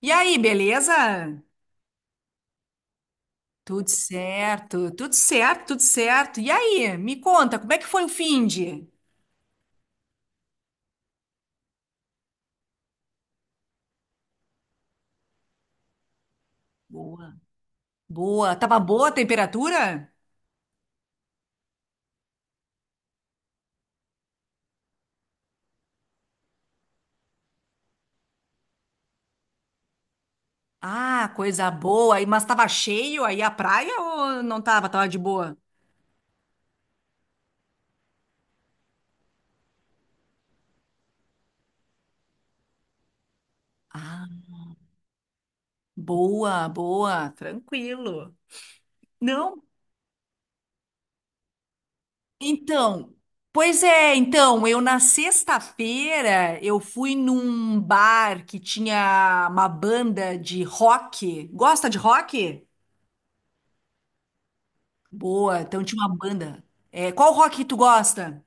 E aí, beleza? Tudo certo, tudo certo, tudo certo. E aí, me conta, como é que foi o finde? Boa. Boa. Tava boa a temperatura? Ah, coisa boa. Mas tava cheio aí a praia ou não tava? Tava de boa? Ah, boa, boa. Tranquilo. Não? Então, pois é, então, eu na sexta-feira eu fui num bar que tinha uma banda de rock. Gosta de rock? Boa, então tinha uma banda. É, qual rock que tu gosta?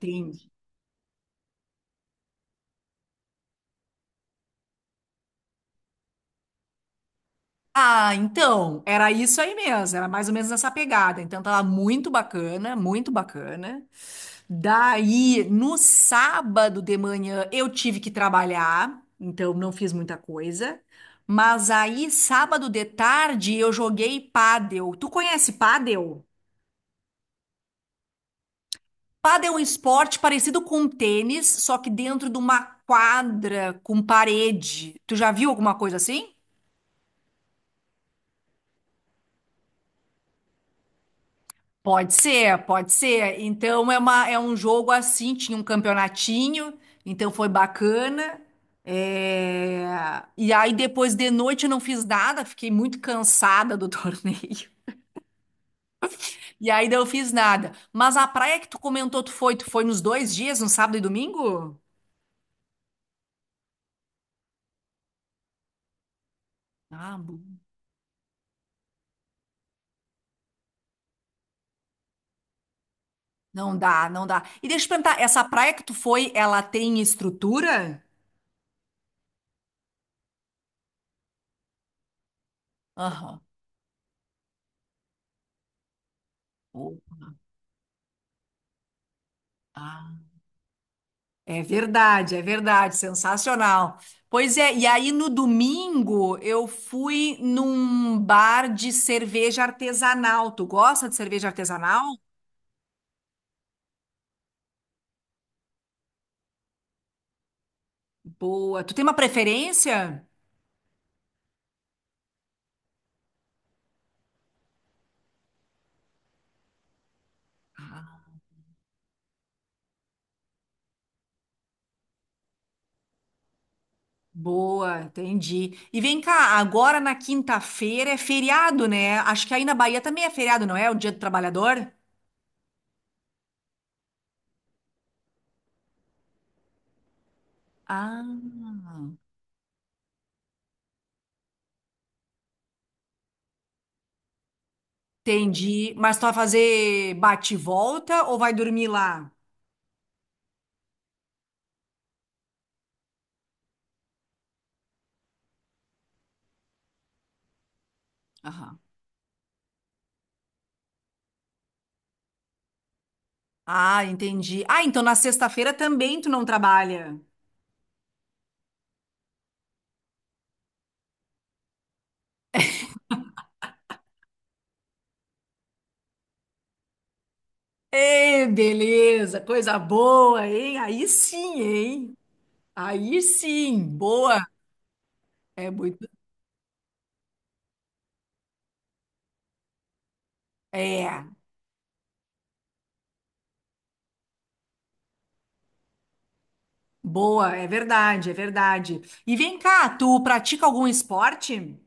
Entendi. Ah, então, era isso aí mesmo, era mais ou menos essa pegada. Então tava muito bacana, muito bacana. Daí, no sábado de manhã, eu tive que trabalhar, então não fiz muita coisa. Mas aí, sábado de tarde, eu joguei pádel. Tu conhece pádel? Pádel é um esporte parecido com tênis, só que dentro de uma quadra com parede. Tu já viu alguma coisa assim? Pode ser, pode ser. É um jogo assim, tinha um campeonatinho, então foi bacana. E aí depois de noite eu não fiz nada, fiquei muito cansada do torneio. E aí não fiz nada. Mas a praia que tu comentou, tu foi nos dois dias, no sábado e domingo? Ah, não dá, não dá. E deixa eu te perguntar, essa praia que tu foi, ela tem estrutura? Aham. Oh, ah. É verdade, sensacional. Pois é, e aí no domingo eu fui num bar de cerveja artesanal. Tu gosta de cerveja artesanal? Boa. Tu tem uma preferência? Boa, entendi. E vem cá, agora na quinta-feira é feriado, né? Acho que aí na Bahia também é feriado, não é? O Dia do Trabalhador? Ah, entendi. Mas tu vai fazer bate e volta ou vai dormir lá? Aham. Ah, entendi. Ah, então na sexta-feira também tu não trabalha. Ê, beleza, coisa boa, hein? Aí sim, hein? Aí sim, boa. É muito. É, boa, é verdade, é verdade. E vem cá, tu pratica algum esporte?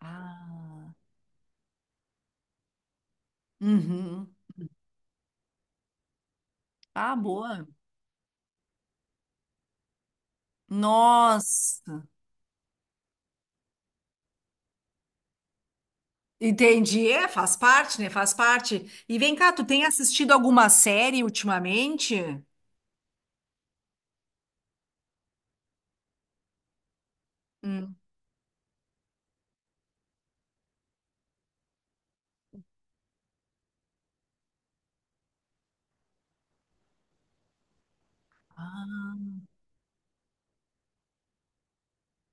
Ah, uhum. Ah, boa. Nossa, entendi. É, faz parte, né? Faz parte. E vem cá, tu tem assistido alguma série ultimamente? Hum.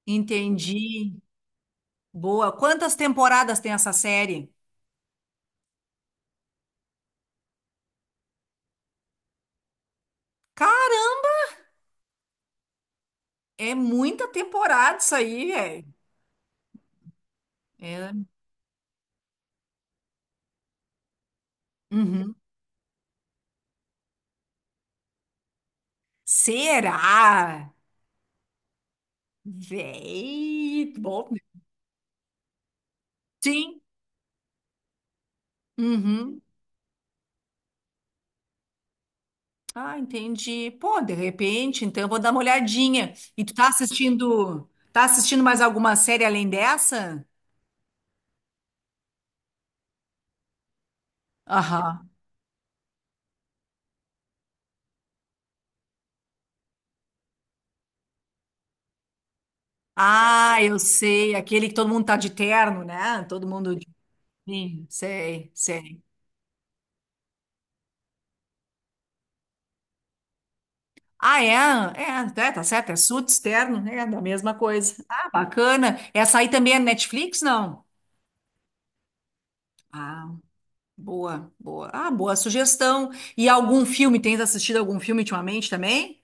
Entendi. Boa. Quantas temporadas tem essa série? Caramba, é muita temporada isso aí, velho. É. Uhum. Será? Véi. Bom. Sim. Uhum. Ah, entendi. Pô, de repente, então eu vou dar uma olhadinha. E tá assistindo mais alguma série além dessa? Aham. Ah, eu sei, aquele que todo mundo tá de terno, né? Todo mundo de... Sim, sei, sei. Ah, é? É, é, tá certo, é suíte externo, é da mesma coisa. Ah, bacana. Essa aí também é Netflix, não? Ah, boa, boa. Ah, boa sugestão. E algum filme, tens assistido algum filme ultimamente também?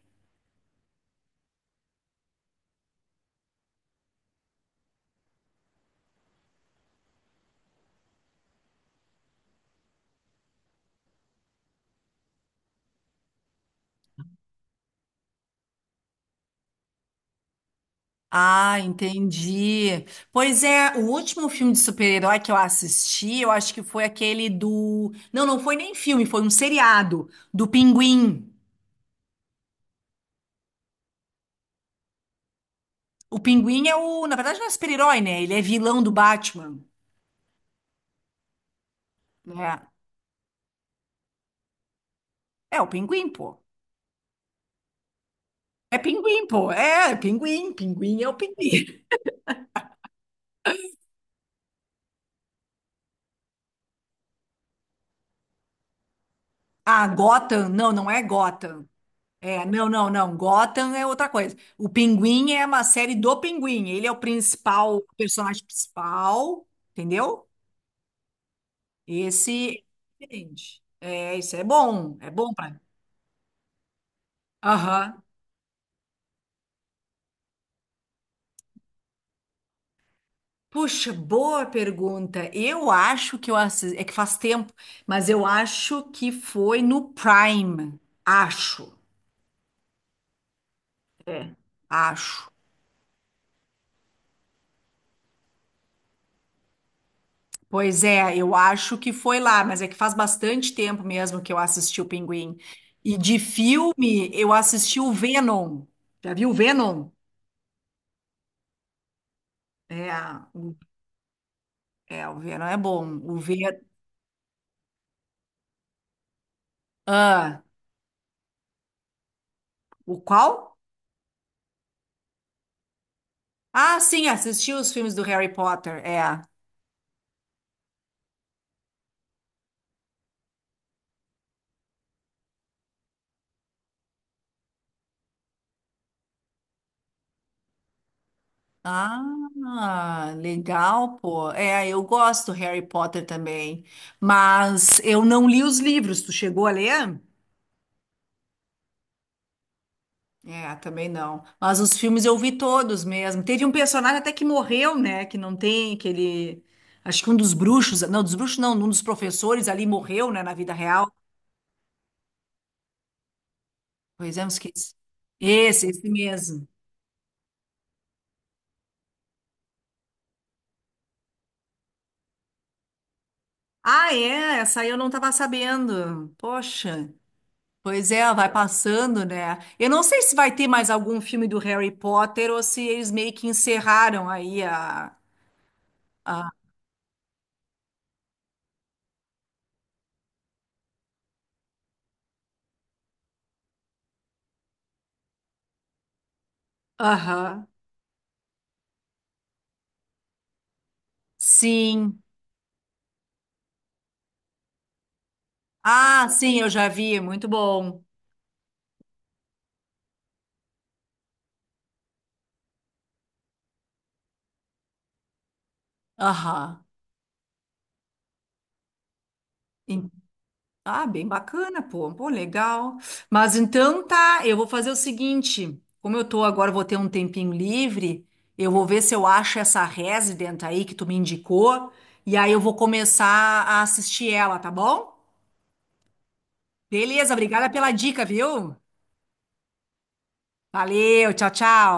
Ah, entendi. Pois é, o último filme de super-herói que eu assisti, eu acho que foi aquele do. Não, não foi nem filme, foi um seriado do Pinguim. O Pinguim é o. Na verdade, não é super-herói, né? Ele é vilão do Batman. Né? É, o Pinguim, pô. É pinguim, pô. É, é pinguim. Pinguim é o pinguim. Ah, Gotham. Não, não é Gotham. É, não, não, não. Gotham é outra coisa. O Pinguim é uma série do Pinguim. Ele é o principal, o personagem principal, entendeu? Esse é diferente. É, isso é bom. É bom pra. Aham. Puxa, boa pergunta. Eu acho que eu assisti. É que faz tempo, mas eu acho que foi no Prime. Acho. É. Acho. Pois é, eu acho que foi lá, mas é que faz bastante tempo mesmo que eu assisti o Pinguim. E de filme, eu assisti o Venom. Já viu o Venom? É, o- é, o Venom é bom. O Ve... Ah, o qual? Ah, sim, assisti os filmes do Harry Potter, é. Ah, legal, pô. É, eu gosto do Harry Potter também, mas eu não li os livros. Tu chegou a ler? É, também não. Mas os filmes eu vi todos mesmo. Teve um personagem até que morreu, né? Que não tem, que ele. Acho que um dos bruxos. Não, dos bruxos não, um dos professores ali morreu, né? Na vida real. Pois é, eu esqueci. Esse mesmo. Ah, é? Essa aí eu não tava sabendo. Poxa. Pois é, vai passando, né? Eu não sei se vai ter mais algum filme do Harry Potter ou se eles meio que encerraram aí a. a... Aham. Sim. Ah, sim, eu já vi. É muito bom. Aham. Em- Ah, bem bacana, pô. Pô, legal. Mas então tá, eu vou fazer o seguinte, como eu tô agora, vou ter um tempinho livre, eu vou ver se eu acho essa Resident aí que tu me indicou, e aí eu vou começar a assistir ela, tá bom? Beleza, obrigada pela dica, viu? Valeu, tchau, tchau.